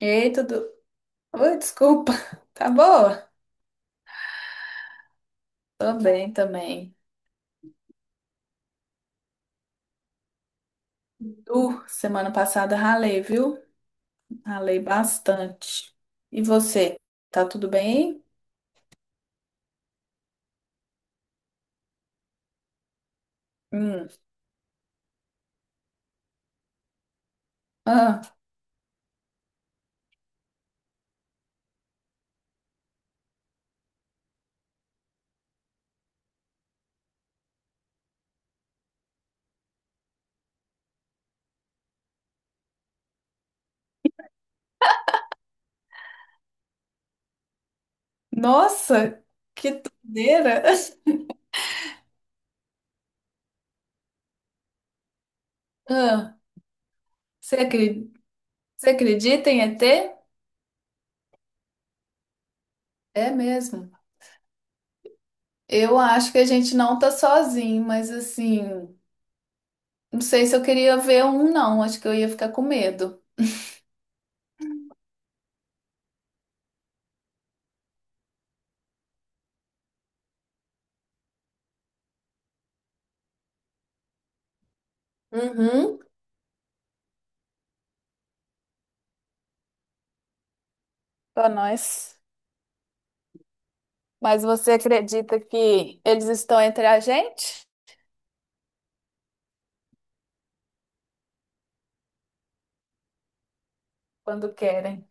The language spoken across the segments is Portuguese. Ei, tudo. Oi, desculpa. Tá boa? Tô bem também. Semana passada ralei, viu? Ralei bastante. E você? Tá tudo bem? Hum. Ah, nossa, que doideira! Ah, você acredita? Você acredita em ET? É mesmo. Eu acho que a gente não tá sozinho, mas assim, não sei se eu queria ver um, não. Acho que eu ia ficar com medo. Uhum. Pra nós. Mas você acredita que eles estão entre a gente quando querem?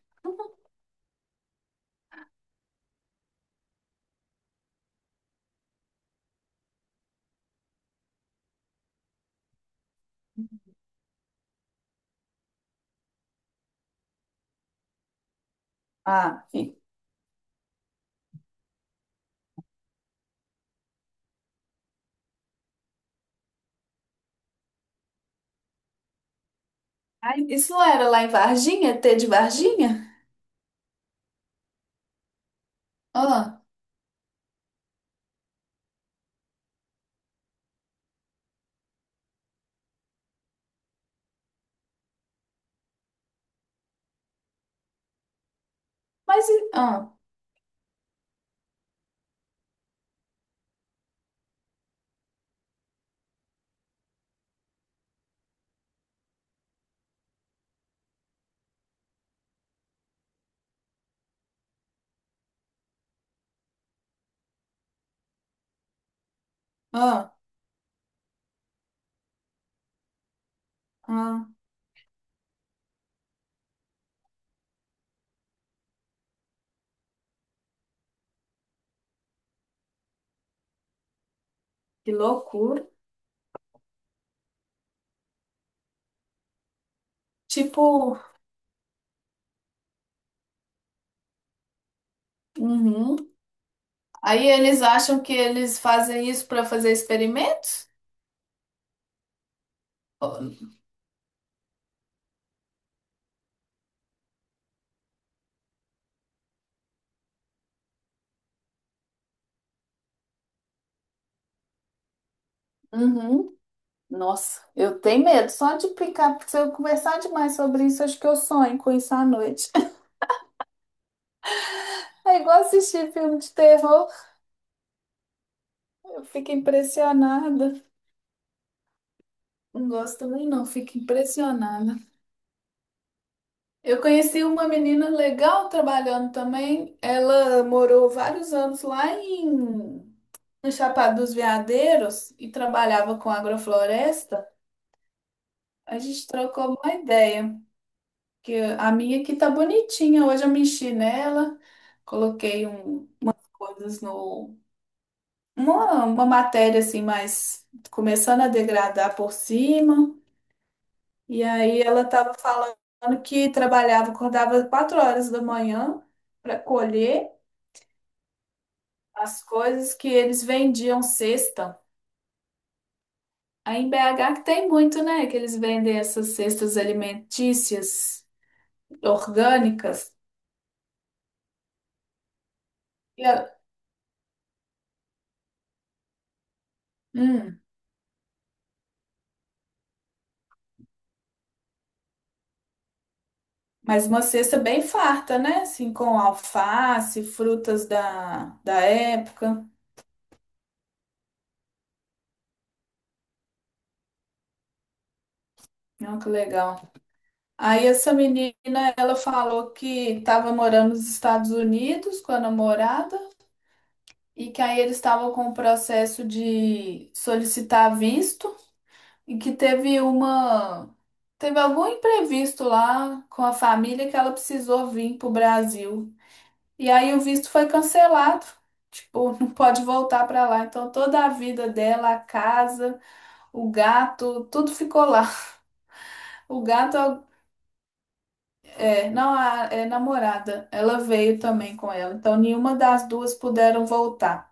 Ah, fi. Ai, isso não era lá em Varginha, T de Varginha? Ah, mas e- ah, ah, ah, que loucura. Tipo, uhum. Aí eles acham que eles fazem isso para fazer experimentos? Oh, uhum. Nossa, eu tenho medo só de picar, porque se eu conversar demais sobre isso, acho que eu sonho com isso à noite. É igual assistir filme de terror, eu fico impressionada. Não gosto também não, fico impressionada. Eu conheci uma menina legal trabalhando também. Ela morou vários anos lá em no Chapada dos Veadeiros e trabalhava com agrofloresta. A gente trocou uma ideia, que a minha aqui tá bonitinha. Hoje eu mexi nela, coloquei um coisas no uma matéria assim, mas começando a degradar por cima. E aí ela estava falando que trabalhava, acordava 4 horas da manhã para colher as coisas que eles vendiam cesta. Aí em BH que tem muito, né? Que eles vendem essas cestas alimentícias orgânicas. E a- hum, mas uma cesta bem farta, né? Assim, com alface, frutas da época. Olha que legal. Aí essa menina, ela falou que estava morando nos Estados Unidos com a namorada e que aí eles estavam com o processo de solicitar visto e que teve algum imprevisto lá com a família que ela precisou vir pro Brasil. E aí o visto foi cancelado. Tipo, não pode voltar para lá. Então toda a vida dela, a casa, o gato, tudo ficou lá. O gato é, não a é namorada, ela veio também com ela. Então nenhuma das duas puderam voltar.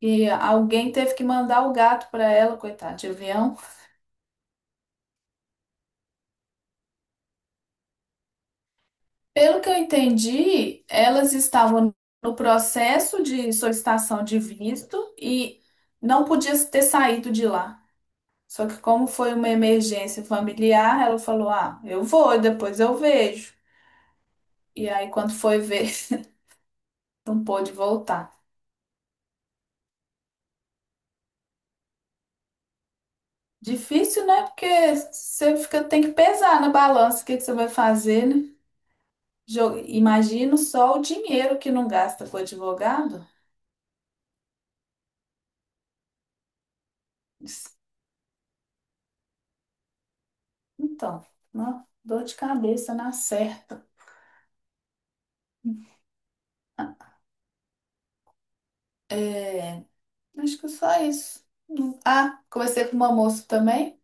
E alguém teve que mandar o gato para ela, coitada, de avião. Pelo que eu entendi, elas estavam no processo de solicitação de visto e não podia ter saído de lá. Só que como foi uma emergência familiar, ela falou: "Ah, eu vou, depois eu vejo". E aí quando foi ver, não pôde voltar. Difícil, né? Porque você fica, tem que pesar na balança o que que você vai fazer, né? Jo- Imagina só o dinheiro que não gasta com o advogado. Então, ó, dor de cabeça na certa. É, acho que só isso. Ah, conversei com uma moça também,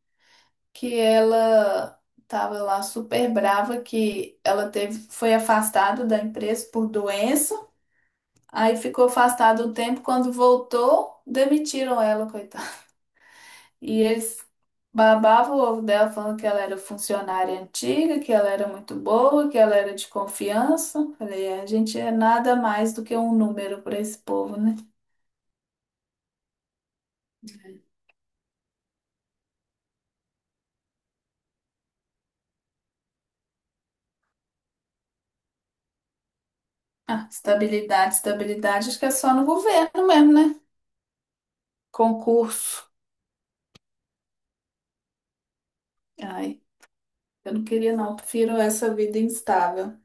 que ela tava lá super brava, que ela teve, foi afastada da empresa por doença, aí ficou afastada um tempo, quando voltou, demitiram ela, coitada. E eles babavam o ovo dela, falando que ela era funcionária antiga, que ela era muito boa, que ela era de confiança. Falei, "É, a gente é nada mais do que um número para esse povo, né? Ah, estabilidade, estabilidade, acho que é só no governo mesmo, né? Concurso. Ai, eu não queria não, prefiro essa vida instável.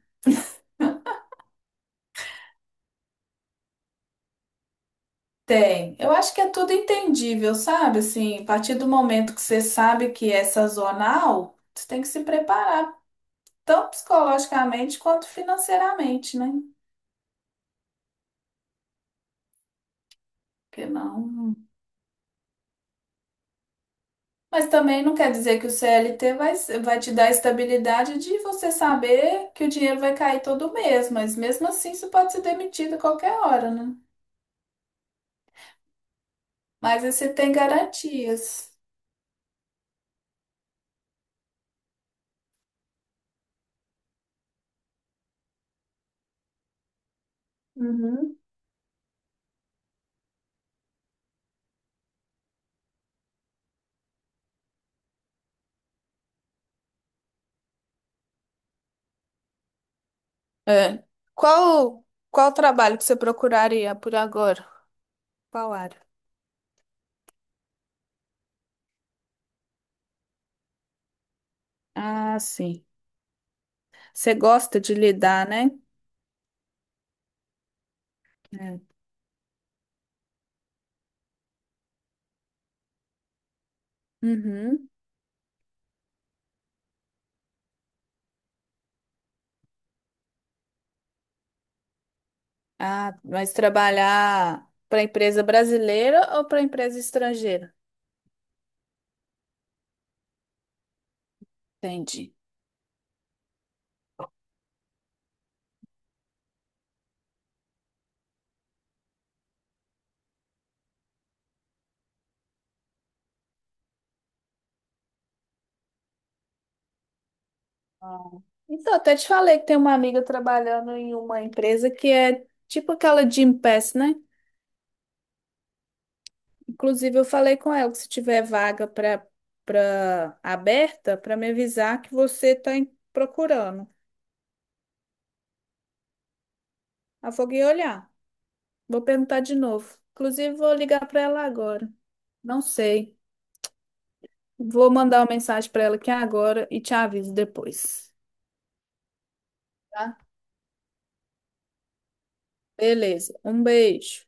Tem. Eu acho que é tudo entendível, sabe? Assim, a partir do momento que você sabe que é sazonal, você tem que se preparar, tanto psicologicamente quanto financeiramente, né? Porque não. Mas também não quer dizer que o CLT vai, ser- vai te dar a estabilidade de você saber que o dinheiro vai cair todo mês, mas mesmo assim você pode ser demitido a qualquer hora, né? Mas você tem garantias. Uhum. É. Qual, qual trabalho que você procuraria por agora? Qual área? Ah, sim. Você gosta de lidar, né? É. Uhum. Ah, mas trabalhar para empresa brasileira ou para empresa estrangeira? Entendi. Ah. Então, até te falei que tem uma amiga trabalhando em uma empresa que é tipo aquela Gympass, né? Inclusive, eu falei com ela que se tiver vaga para aberta, para me avisar que você está procurando. Ela falou que ia olhar. Vou perguntar de novo. Inclusive, vou ligar para ela agora. Não sei. Vou mandar uma mensagem para ela aqui agora e te aviso depois, tá? Beleza. Um beijo.